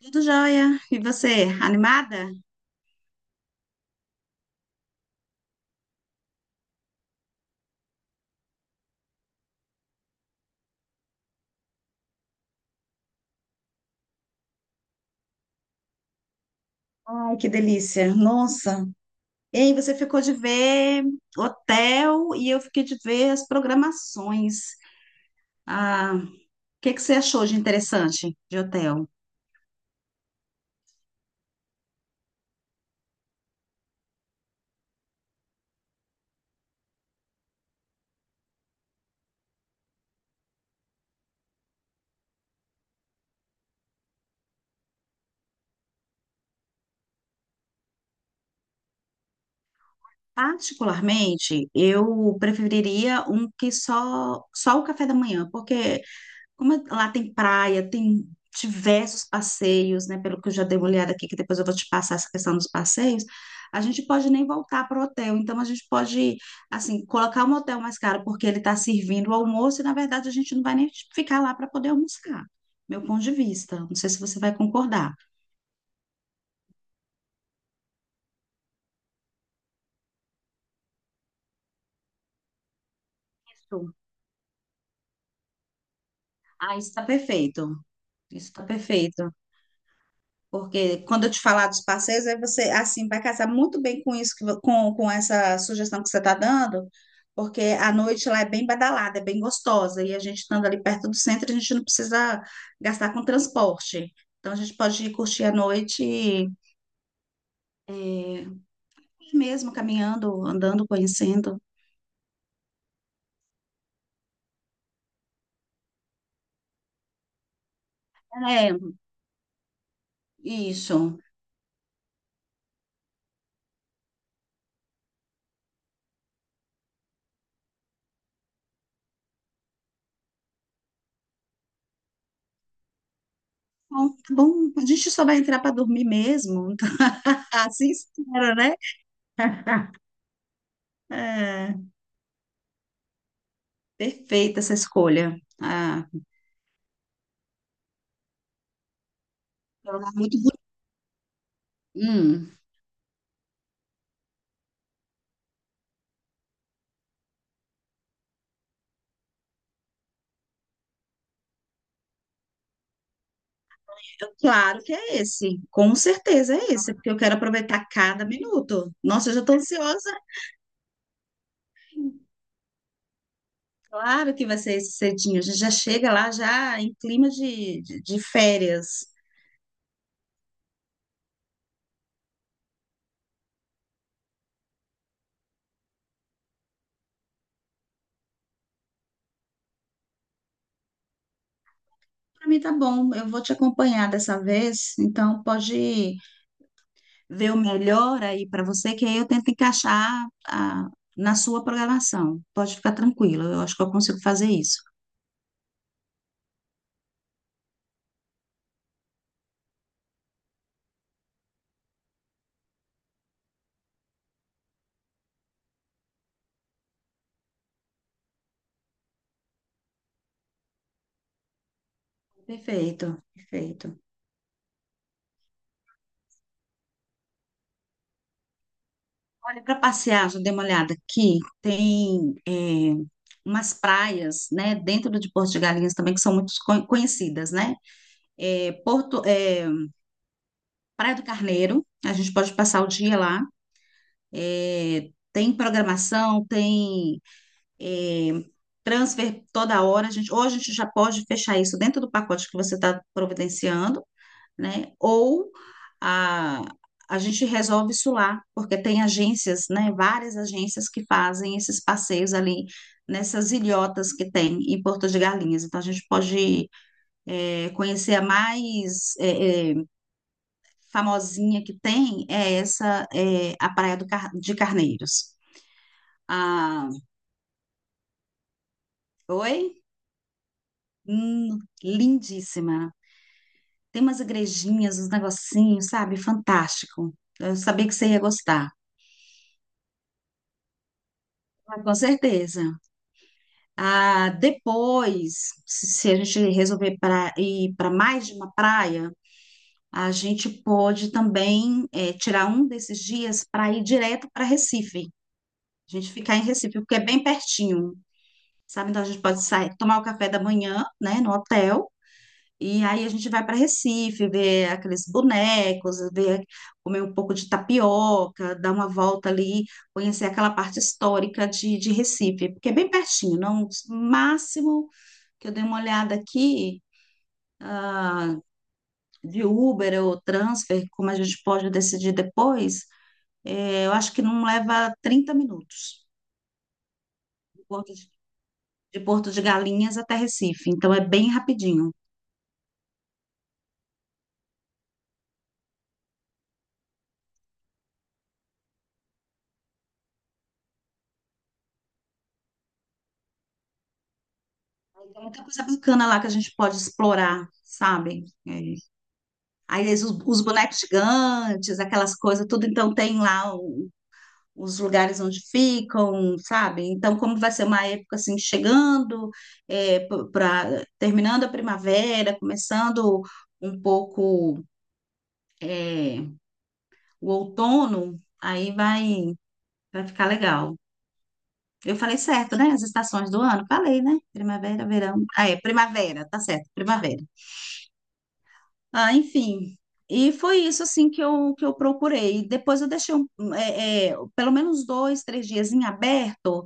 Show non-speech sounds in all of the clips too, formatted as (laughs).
Tudo jóia. E você, animada? Ai, que delícia. Nossa. E aí, você ficou de ver hotel e eu fiquei de ver as programações. O que que você achou de interessante de hotel? Particularmente, eu preferiria um que só o café da manhã, porque lá tem praia, tem diversos passeios, né? Pelo que eu já dei uma olhada aqui, que depois eu vou te passar essa questão dos passeios, a gente pode nem voltar para o hotel. Então, a gente pode, assim, colocar um hotel mais caro, porque ele está servindo o almoço e, na verdade, a gente não vai nem ficar lá para poder almoçar. Meu ponto de vista. Não sei se você vai concordar. Isso. Ah, isso está perfeito. Isso está perfeito. Porque quando eu te falar dos parceiros, aí você assim vai casar muito bem com isso, que com essa sugestão que você está dando, porque a noite lá é bem badalada, é bem gostosa, e a gente estando ali perto do centro, a gente não precisa gastar com transporte. Então a gente pode ir curtir a noite é, mesmo, caminhando, andando, conhecendo. É, isso. Bom, tá bom, a gente só vai entrar para dormir mesmo. (laughs) Então, assim espero, né? (laughs) É, perfeita essa escolha. Ah, é um lugar muito bonito. Hum, Claro que é esse, com certeza é esse, porque eu quero aproveitar cada minuto. Nossa, eu já estou ansiosa. Claro que vai ser esse cedinho. A gente já chega lá já em clima de férias. Para mim tá bom, eu vou te acompanhar dessa vez, então pode ver o melhor aí para você, que aí eu tento encaixar na sua programação. Pode ficar tranquila, eu acho que eu consigo fazer isso. Perfeito, perfeito. Olha, para passear, já dei uma olhada aqui, tem umas praias, né, dentro de Porto de Galinhas também, que são muito conhecidas, né? É, Porto, é, Praia do Carneiro, a gente pode passar o dia lá. É, tem programação, tem é, transfer toda hora. A gente, ou a gente já pode fechar isso dentro do pacote que você está providenciando, né? Ou a, a gente resolve isso lá, porque tem agências, né? Várias agências que fazem esses passeios ali nessas ilhotas que tem em Porto de Galinhas. Então a gente pode conhecer a mais famosinha que tem é essa, é, a Praia de Carneiros. Ah, oi? Lindíssima. Tem umas igrejinhas, uns negocinhos, sabe? Fantástico. Eu sabia que você ia gostar. Ah, com certeza. Ah, depois, se se a gente resolver ir para mais de uma praia, a gente pode também tirar um desses dias para ir direto para Recife. A gente ficar em Recife, porque é bem pertinho, sabe? Então a gente pode sair, tomar o café da manhã, né, no hotel, e aí a gente vai para Recife, ver aqueles bonecos, ver, comer um pouco de tapioca, dar uma volta ali, conhecer aquela parte histórica de Recife, porque é bem pertinho, não? Máximo que eu dei uma olhada aqui, ah, de Uber ou transfer, como a gente pode decidir depois, eu acho que não leva 30 minutos de de Porto de Galinhas até Recife, então é bem rapidinho. Tem muita coisa bacana lá que a gente pode explorar, sabe? Aí os bonecos gigantes, aquelas coisas, tudo, então tem lá os lugares onde ficam, sabe? Então, como vai ser uma época assim, chegando, é, para terminando a primavera, começando um pouco é, o outono, vai ficar legal. Eu falei certo, né? As estações do ano, falei, né? Primavera, verão. Ah, é, primavera, tá certo, primavera. Ah, enfim. E foi isso, assim, que que eu procurei. Depois eu deixei um, pelo menos dois, três dias em aberto,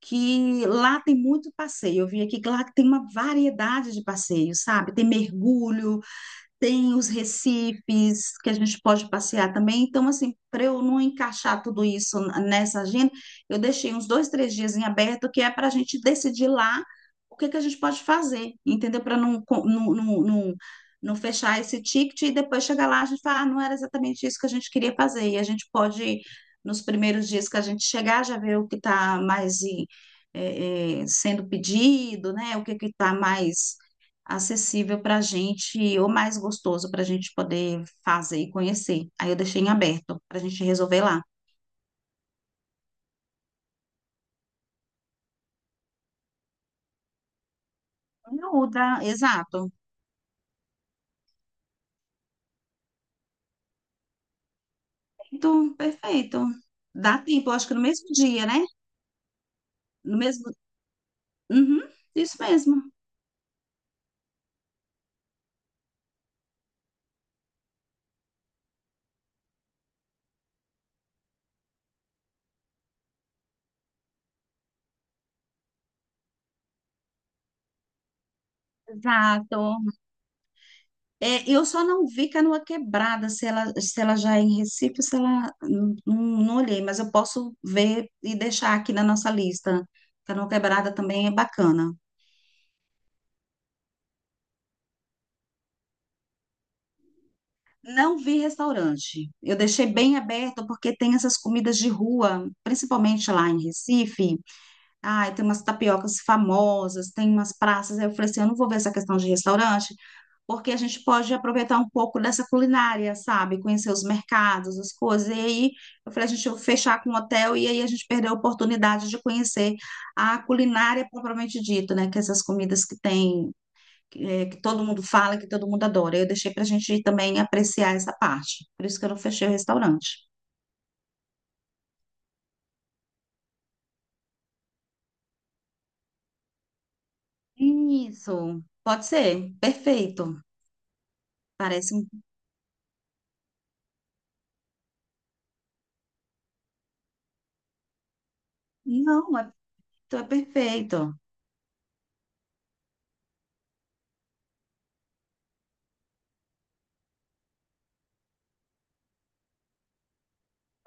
que lá tem muito passeio. Eu vi aqui que lá tem uma variedade de passeios, sabe? Tem mergulho, tem os recifes que a gente pode passear também. Então, assim, para eu não encaixar tudo isso nessa agenda, eu deixei uns dois, três dias em aberto, que é para a gente decidir lá o que que a gente pode fazer, entendeu? Para não, não fechar esse ticket e depois chegar lá a gente falar ah, não era exatamente isso que a gente queria fazer. E a gente pode, nos primeiros dias que a gente chegar, já ver o que está mais sendo pedido, né? O que que está mais acessível para a gente, ou mais gostoso para a gente poder fazer e conhecer. Aí eu deixei em aberto para a gente resolver lá. Não, dá, exato. Perfeito, perfeito. Dá tempo, eu acho que no mesmo dia, né? No mesmo. Uhum, isso mesmo. Exato. É, eu só não vi Canoa Quebrada, se se ela já é em Recife, se ela. Não, não olhei, mas eu posso ver e deixar aqui na nossa lista. Canoa Quebrada também é bacana. Não vi restaurante. Eu deixei bem aberto porque tem essas comidas de rua, principalmente lá em Recife. Ai, tem umas tapiocas famosas, tem umas praças. Aí eu falei assim, eu não vou ver essa questão de restaurante, porque a gente pode aproveitar um pouco dessa culinária, sabe? Conhecer os mercados, as coisas. E aí eu falei, a gente vai fechar com um hotel e aí a gente perdeu a oportunidade de conhecer a culinária propriamente dita, né? Que é essas comidas que tem que todo mundo fala, que todo mundo adora. Eu deixei para a gente também apreciar essa parte. Por isso que eu não fechei o restaurante. Isso, pode ser, perfeito. Parece um. Não, é perfeito.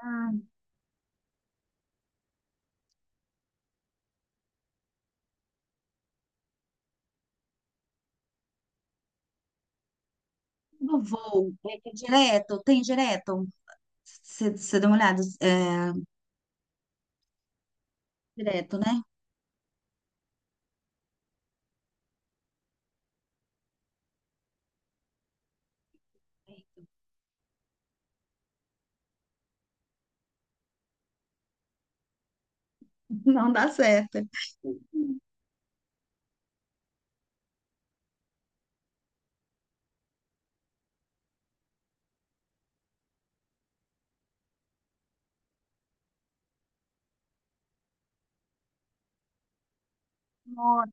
Ah, no voo, é direto, tem direto. Você deu uma olhada, é, direto, né? Não dá certo. Não,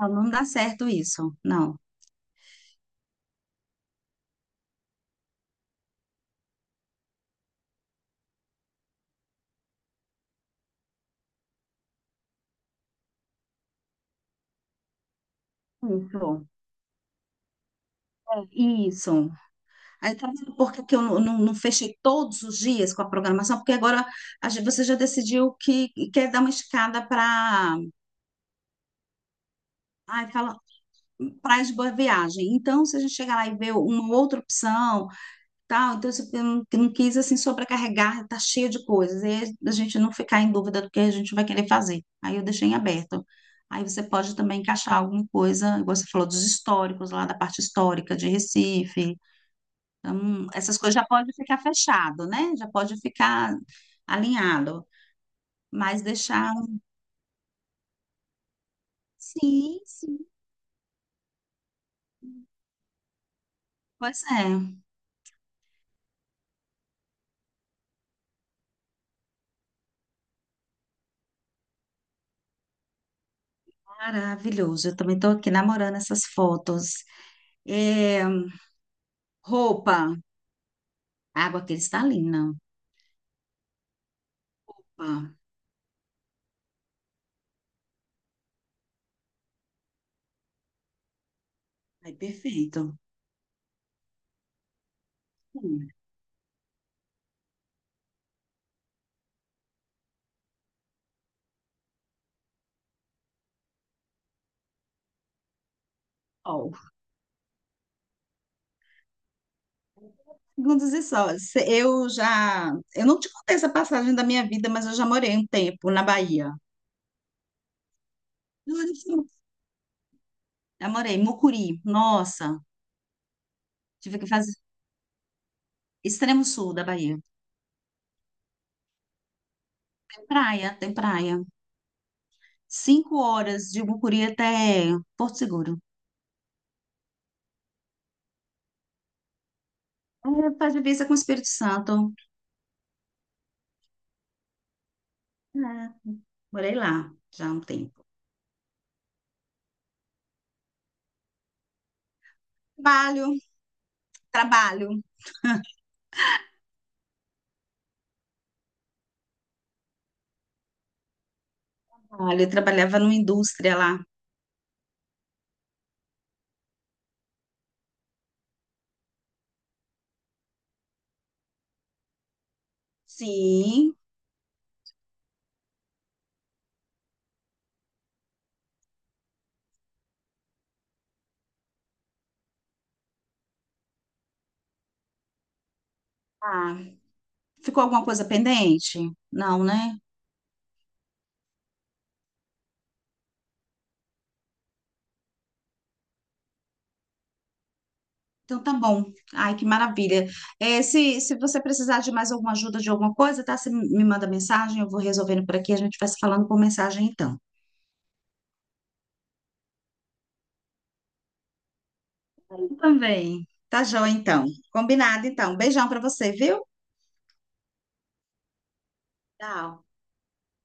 não, não dá certo isso, não. Isso, é, isso. Aí tá vendo por que que eu não fechei todos os dias com a programação? Porque agora a você já decidiu que quer dar uma escada para, ai, fala, praia de boa viagem. Então, se a gente chegar lá e ver uma outra opção, tal, então você não quis assim sobrecarregar, tá cheio de coisas. E aí a gente não ficar em dúvida do que a gente vai querer fazer. Aí eu deixei em aberto. Aí você pode também encaixar alguma coisa, igual você falou dos históricos lá da parte histórica de Recife. Então, essas coisas já pode ficar fechado, né? Já pode ficar alinhado, mas deixar. Sim, sim. Pois é, maravilhoso. Eu também estou aqui namorando essas fotos. É, roupa, água cristalina. Opa, aí, perfeito. Hum, Sol. Segundos e sóis. Eu já. Eu não te contei essa passagem da minha vida, mas eu já morei um tempo na Bahia. Já morei em Mucuri. Nossa, tive que fazer extremo sul da Bahia. Tem praia, tem praia. 5 horas de Mucuri até Porto Seguro. É, faz divisa com o Espírito Santo. É, morei lá já há um tempo. Trabalho, trabalho, trabalho. Eu trabalhava numa indústria lá. Sim. Ah, ficou alguma coisa pendente? Não, né? Então tá bom. Ai, que maravilha. É, se você precisar de mais alguma ajuda de alguma coisa, tá? Você me manda mensagem, eu vou resolvendo por aqui. A gente vai se falando por mensagem então. Também. Tá joia, então. Combinado, então. Beijão pra você, viu? Tchau.